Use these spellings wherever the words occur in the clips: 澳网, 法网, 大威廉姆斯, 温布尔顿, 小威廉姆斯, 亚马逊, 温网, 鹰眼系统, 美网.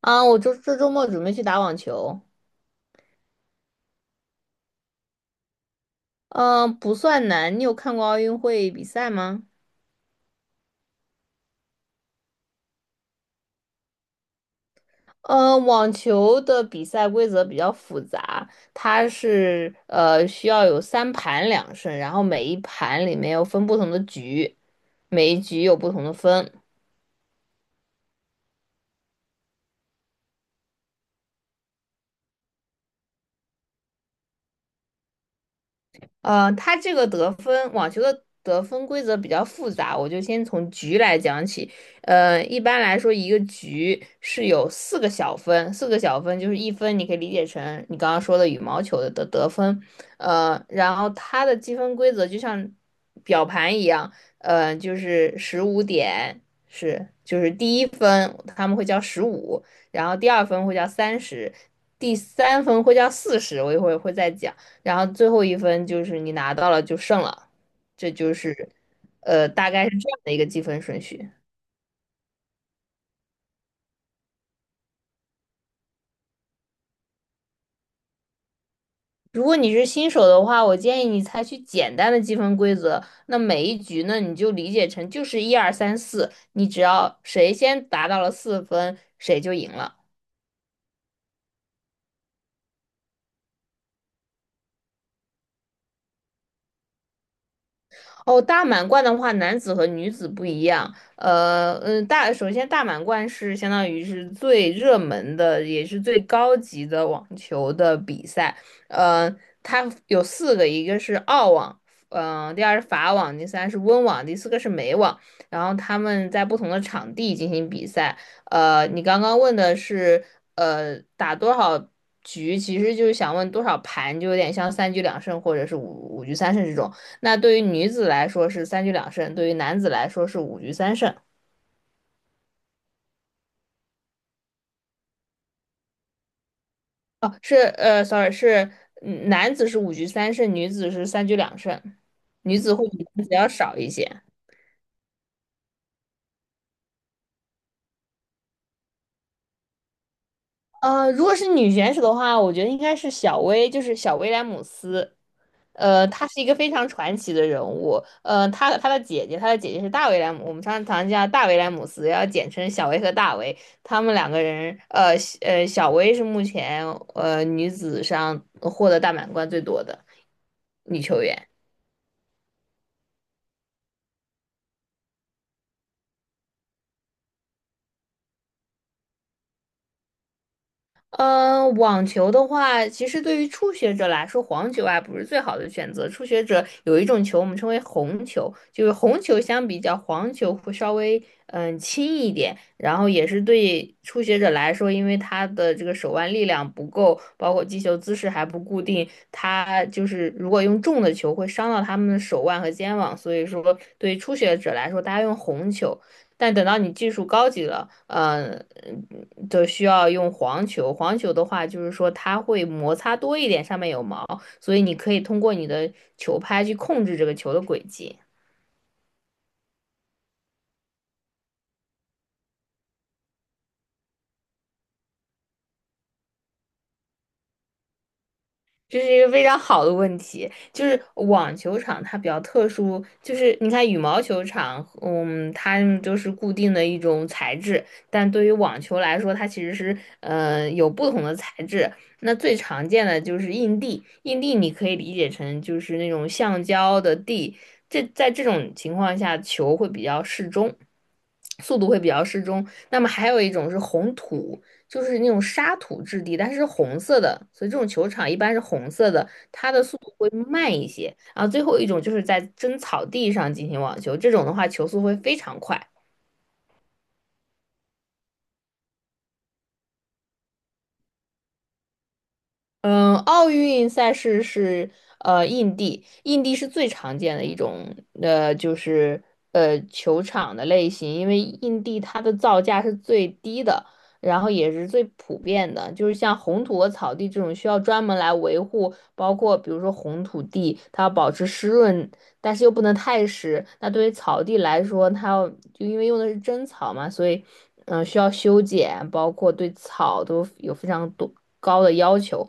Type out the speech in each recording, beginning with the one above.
啊，我这周末准备去打网球。嗯，不算难。你有看过奥运会比赛吗？网球的比赛规则比较复杂，它是需要有三盘两胜，然后每一盘里面又分不同的局，每一局有不同的分。它这个得分网球的得分规则比较复杂，我就先从局来讲起。一般来说，一个局是有四个小分，四个小分就是一分，你可以理解成你刚刚说的羽毛球的得分。然后它的积分规则就像表盘一样。就是十五点是，就是第一分他们会叫十五，然后第二分会叫30，第三分会叫40，我一会儿会再讲。然后最后一分就是你拿到了就胜了，这就是大概是这样的一个积分顺序。如果你是新手的话，我建议你采取简单的积分规则。那每一局呢，你就理解成就是一二三四，你只要谁先达到了四分，谁就赢了。哦，大满贯的话，男子和女子不一样。首先大满贯是相当于是最热门的，也是最高级的网球的比赛。呃，它有四个，一个是澳网，第二是法网，第三是温网，第四个是美网。然后他们在不同的场地进行比赛。你刚刚问的是，打多少局，其实就是想问多少盘，就有点像三局两胜或者是五局三胜这种。那对于女子来说是三局两胜，对于男子来说是五局三胜。哦，是，sorry，是男子是五局三胜，女子是三局两胜，女子会比男子要少一些。如果是女选手的话，我觉得应该是小威，就是小威廉姆斯。她是一个非常传奇的人物。她的姐姐，她的姐姐是大威廉姆，我们常常叫大威廉姆斯，要简称小威和大威。他们两个人，小威是目前女子上获得大满贯最多的女球员。嗯，网球的话，其实对于初学者来说，黄球啊不是最好的选择。初学者有一种球，我们称为红球，就是红球相比较黄球会稍微轻一点，然后也是对初学者来说，因为他的这个手腕力量不够，包括击球姿势还不固定，他就是如果用重的球会伤到他们的手腕和肩膀，所以说对于初学者来说，大家用红球。但等到你技术高级了，就需要用黄球。黄球的话，就是说它会摩擦多一点，上面有毛，所以你可以通过你的球拍去控制这个球的轨迹。这是一个非常好的问题，就是网球场它比较特殊，就是你看羽毛球场，它们就是固定的一种材质，但对于网球来说，它其实是有不同的材质。那最常见的就是硬地，硬地你可以理解成就是那种橡胶的地，这在这种情况下球会比较适中。速度会比较适中。那么还有一种是红土，就是那种沙土质地，但是是红色的，所以这种球场一般是红色的，它的速度会慢一些。然后最后一种就是在真草地上进行网球，这种的话球速会非常快。嗯，奥运赛事是印地，印地是最常见的一种就是球场的类型，因为印地它的造价是最低的，然后也是最普遍的，就是像红土和草地这种需要专门来维护，包括比如说红土地，它要保持湿润，但是又不能太湿。那对于草地来说，它要就因为用的是真草嘛，所以需要修剪，包括对草都有非常多高的要求。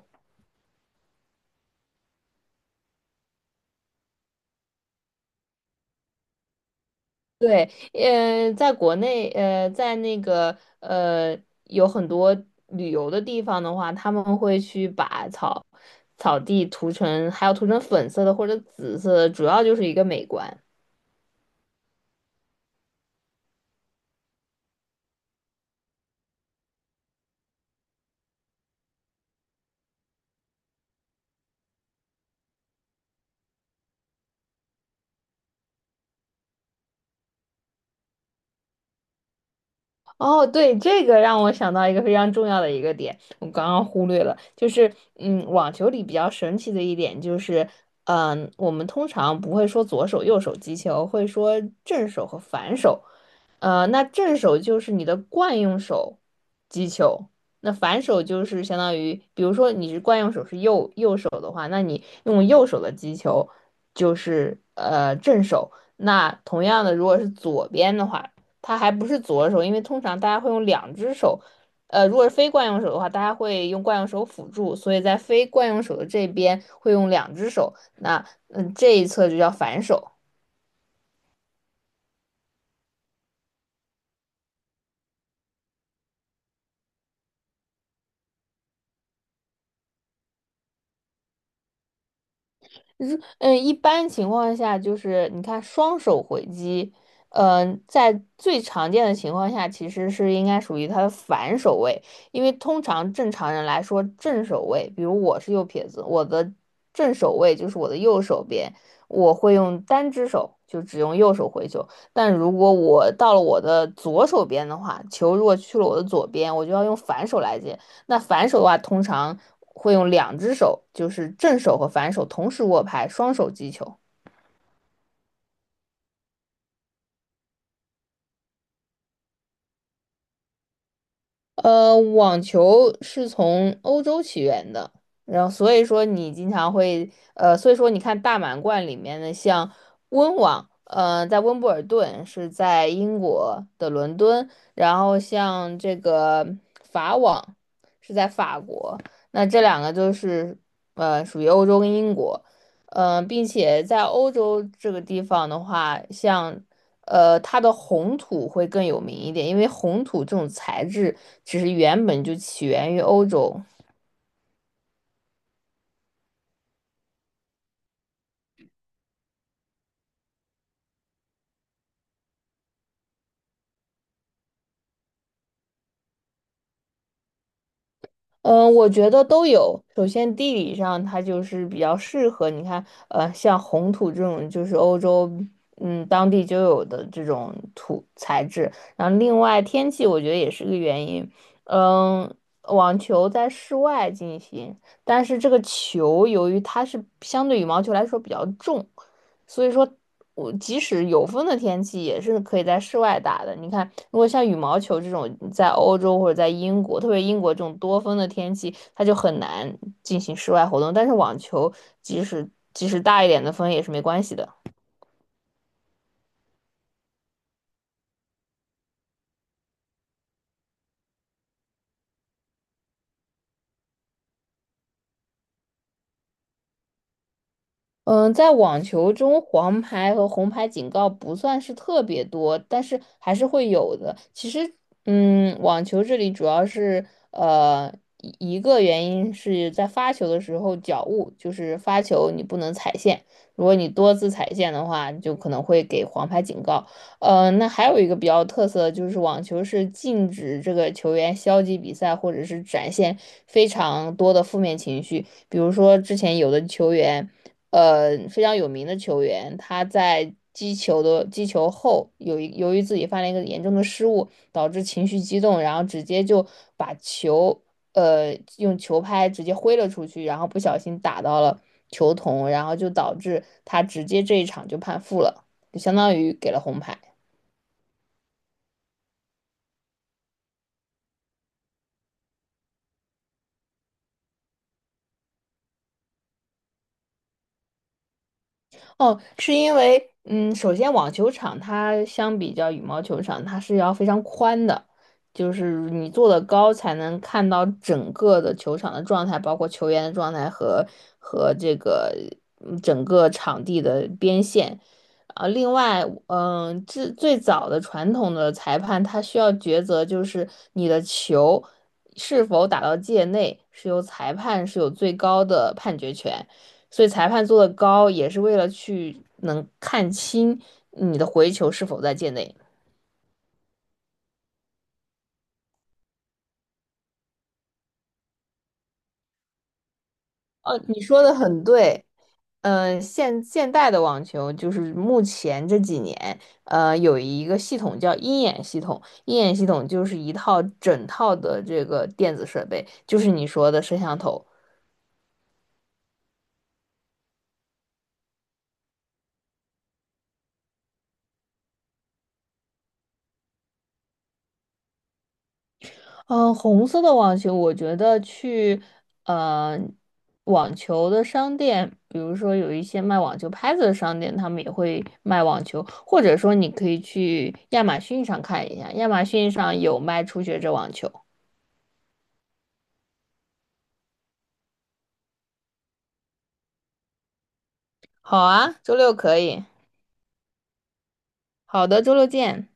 对，在国内，在那个，有很多旅游的地方的话，他们会去把草地涂成，还有涂成粉色的或者紫色的，主要就是一个美观。哦，对，这个让我想到一个非常重要的一个点，我刚刚忽略了，就是，网球里比较神奇的一点就是，我们通常不会说左手右手击球，会说正手和反手。那正手就是你的惯用手击球，那反手就是相当于，比如说你是惯用手是右手的话，那你用右手的击球就是正手，那同样的，如果是左边的话。它还不是左手，因为通常大家会用两只手。如果是非惯用手的话，大家会用惯用手辅助，所以在非惯用手的这边会用两只手，那这一侧就叫反手。如一般情况下就是你看双手回击，在最常见的情况下，其实是应该属于它的反手位，因为通常正常人来说，正手位，比如我是右撇子，我的正手位就是我的右手边，我会用单只手，就只用右手回球。但如果我到了我的左手边的话，球如果去了我的左边，我就要用反手来接。那反手的话，通常会用两只手，就是正手和反手同时握拍，双手击球。网球是从欧洲起源的，然后所以说你经常会，所以说你看大满贯里面的像温网，在温布尔顿是在英国的伦敦，然后像这个法网是在法国，那这两个就是属于欧洲跟英国。并且在欧洲这个地方的话，像它的红土会更有名一点，因为红土这种材质其实原本就起源于欧洲。嗯，我觉得都有。首先，地理上它就是比较适合，你看，像红土这种就是欧洲，当地就有的这种土材质。然后，另外天气我觉得也是个原因。嗯，网球在室外进行，但是这个球由于它是相对羽毛球来说比较重。所以说我即使有风的天气也是可以在室外打的。你看，如果像羽毛球这种在欧洲或者在英国，特别英国这种多风的天气，它就很难进行室外活动。但是网球即使大一点的风也是没关系的。嗯，在网球中，黄牌和红牌警告不算是特别多，但是还是会有的。其实，网球这里主要是呃一个原因是在发球的时候脚误，就是发球你不能踩线，如果你多次踩线的话，就可能会给黄牌警告。那还有一个比较特色的就是网球是禁止这个球员消极比赛或者是展现非常多的负面情绪，比如说之前有的球员。非常有名的球员，他在击球后，由于自己犯了一个严重的失误，导致情绪激动，然后直接就把球用球拍直接挥了出去，然后不小心打到了球童，然后就导致他直接这一场就判负了，就相当于给了红牌。哦，是因为，首先网球场它相比较羽毛球场，它是要非常宽的，就是你坐的高才能看到整个的球场的状态，包括球员的状态和这个整个场地的边线。啊，另外，这最早的传统的裁判他需要抉择，就是你的球是否打到界内，是由裁判是有最高的判决权。所以裁判做的高也是为了去能看清你的回球是否在界内。哦，你说的很对。现代的网球就是目前这几年，有一个系统叫鹰眼系统。鹰眼系统就是一套整套的这个电子设备，就是你说的摄像头。嗯，红色的网球，我觉得去呃网球的商店，比如说有一些卖网球拍子的商店，他们也会卖网球，或者说你可以去亚马逊上看一下，亚马逊上有卖初学者网球。好啊，周六可以。好的，周六见。